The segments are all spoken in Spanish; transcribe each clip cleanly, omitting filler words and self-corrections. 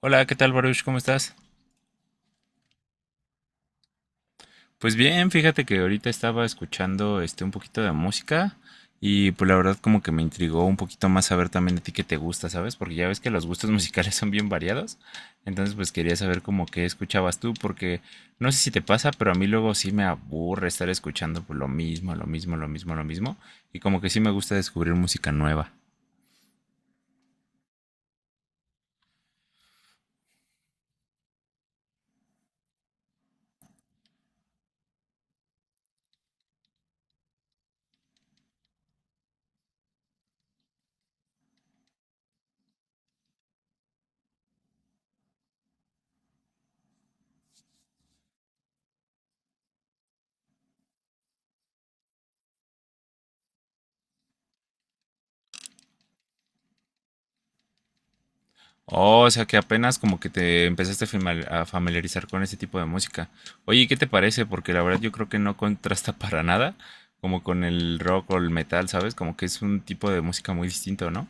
Hola, ¿qué tal, Baruch? ¿Cómo estás? Pues bien, fíjate que ahorita estaba escuchando un poquito de música y pues la verdad como que me intrigó un poquito más saber también a ti qué te gusta, ¿sabes? Porque ya ves que los gustos musicales son bien variados. Entonces, pues quería saber como qué escuchabas tú porque no sé si te pasa, pero a mí luego sí me aburre estar escuchando pues, lo mismo, lo mismo, lo mismo, lo mismo y como que sí me gusta descubrir música nueva. Oh, o sea que apenas como que te empezaste a a familiarizar con ese tipo de música. Oye, ¿y qué te parece? Porque la verdad yo creo que no contrasta para nada como con el rock o el metal, ¿sabes? Como que es un tipo de música muy distinto, ¿no?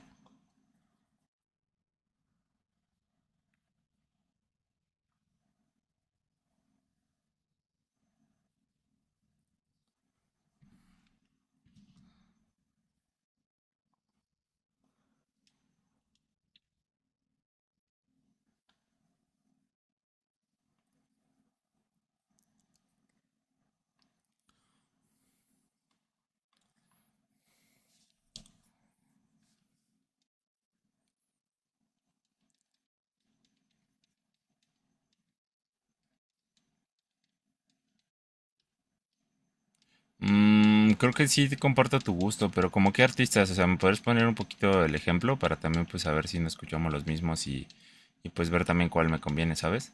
Mm, creo que sí comparto tu gusto, pero como qué artistas, o sea, ¿me podrías poner un poquito el ejemplo para también pues saber si no escuchamos los mismos y pues ver también cuál me conviene, ¿sabes?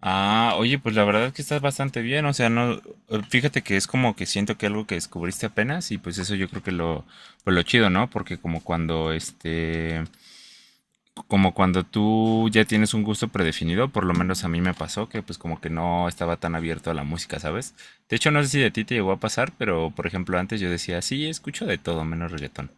Ah, oye, pues la verdad es que estás bastante bien, o sea, no, fíjate que es como que siento que algo que descubriste apenas y pues eso yo creo que lo, pues lo chido, ¿no? Porque como cuando tú ya tienes un gusto predefinido, por lo menos a mí me pasó que pues como que no estaba tan abierto a la música, ¿sabes? De hecho, no sé si de ti te llegó a pasar, pero por ejemplo antes yo decía, sí, escucho de todo menos reggaetón.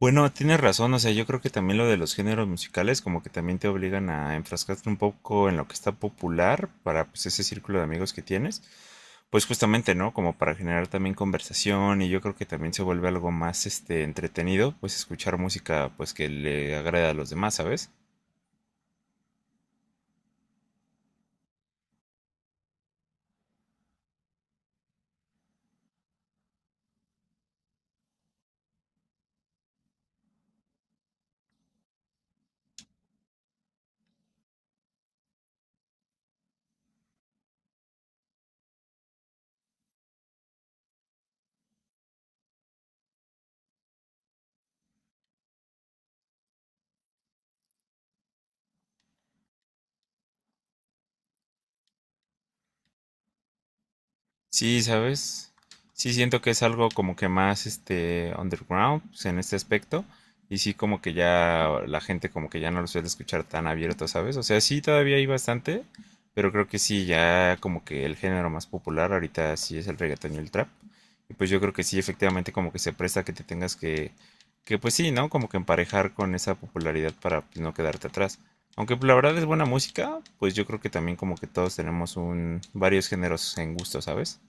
Bueno, tienes razón, o sea, yo creo que también lo de los géneros musicales como que también te obligan a enfrascarte un poco en lo que está popular para pues ese círculo de amigos que tienes, pues justamente, ¿no? Como para generar también conversación y yo creo que también se vuelve algo más entretenido, pues escuchar música pues que le agrade a los demás, ¿sabes? Sí, ¿sabes? Sí siento que es algo como que más underground pues, en este aspecto y sí como que ya la gente como que ya no lo suele escuchar tan abierto, ¿sabes? O sea, sí todavía hay bastante, pero creo que sí ya como que el género más popular ahorita sí es el reggaetón y el trap. Y pues yo creo que sí efectivamente como que se presta que te tengas que pues sí, ¿no? Como que emparejar con esa popularidad para pues, no quedarte atrás. Aunque pues, la verdad es buena música, pues yo creo que también como que todos tenemos un varios géneros en gusto, ¿sabes?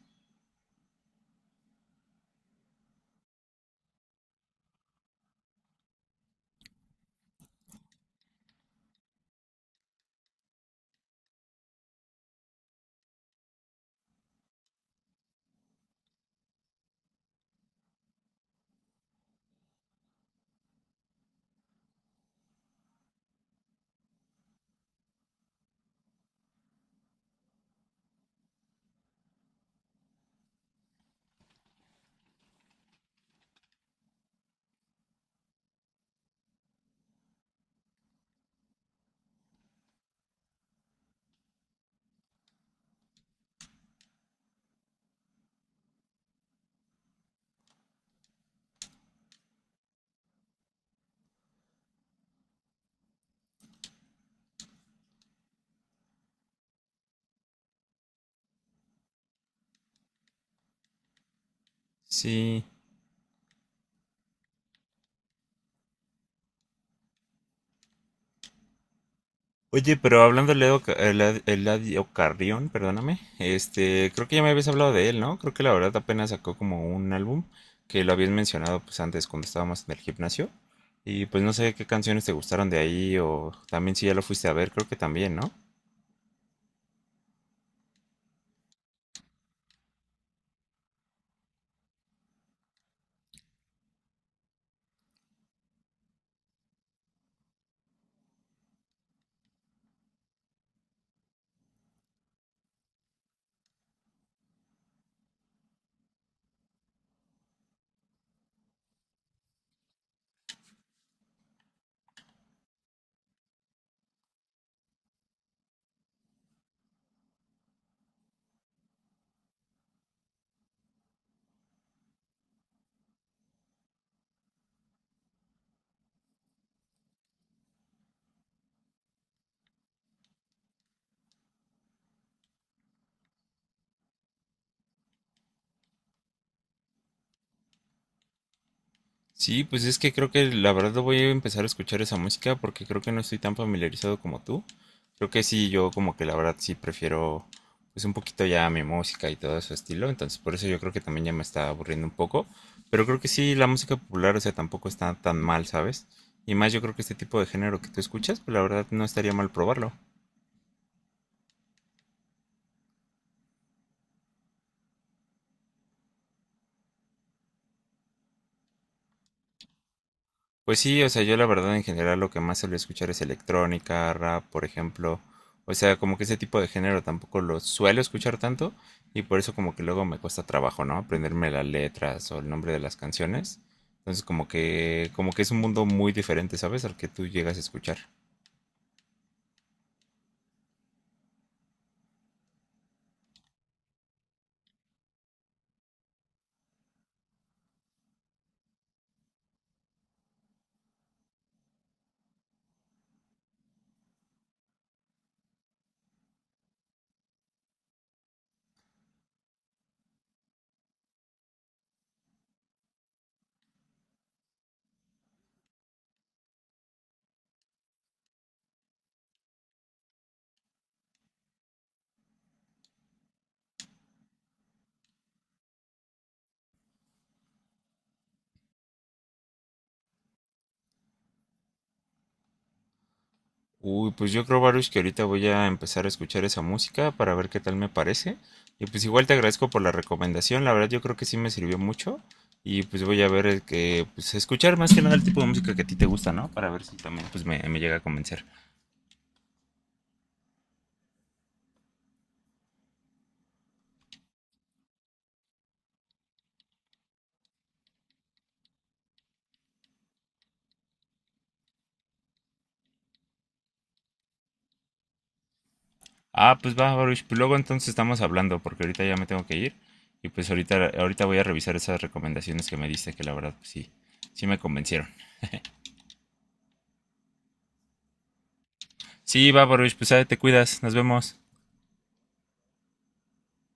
Sí. Oye, pero hablando de Leo, Eladio Carrión, perdóname, este, creo que ya me habías hablado de él, ¿no? Creo que la verdad apenas sacó como un álbum que lo habías mencionado pues antes cuando estábamos en el gimnasio. Y pues no sé qué canciones te gustaron de ahí o también si ya lo fuiste a ver, creo que también, ¿no? Sí, pues es que creo que la verdad voy a empezar a escuchar esa música porque creo que no estoy tan familiarizado como tú. Creo que sí, yo como que la verdad sí prefiero pues un poquito ya mi música y todo ese estilo, entonces por eso yo creo que también ya me está aburriendo un poco, pero creo que sí, la música popular, o sea, tampoco está tan mal, ¿sabes? Y más yo creo que este tipo de género que tú escuchas, pues la verdad no estaría mal probarlo. Pues sí, o sea, yo la verdad en general lo que más suelo escuchar es electrónica, rap, por ejemplo. O sea, como que ese tipo de género tampoco lo suelo escuchar tanto y por eso como que luego me cuesta trabajo, ¿no? Aprenderme las letras o el nombre de las canciones. Entonces como que es un mundo muy diferente, ¿sabes? Al que tú llegas a escuchar. Uy, pues yo creo, Baruch, que ahorita voy a empezar a escuchar esa música para ver qué tal me parece. Y pues igual te agradezco por la recomendación, la verdad yo creo que sí me sirvió mucho. Y pues voy a ver el que, pues escuchar más que nada el tipo de música que a ti te gusta, ¿no? Para ver si también pues me llega a convencer. Ah, pues va, Baruch, pues luego entonces estamos hablando porque ahorita ya me tengo que ir. Y pues ahorita voy a revisar esas recomendaciones que me diste, que la verdad pues sí, sí me convencieron. Sí, va, Baruch, pues te cuidas, nos vemos.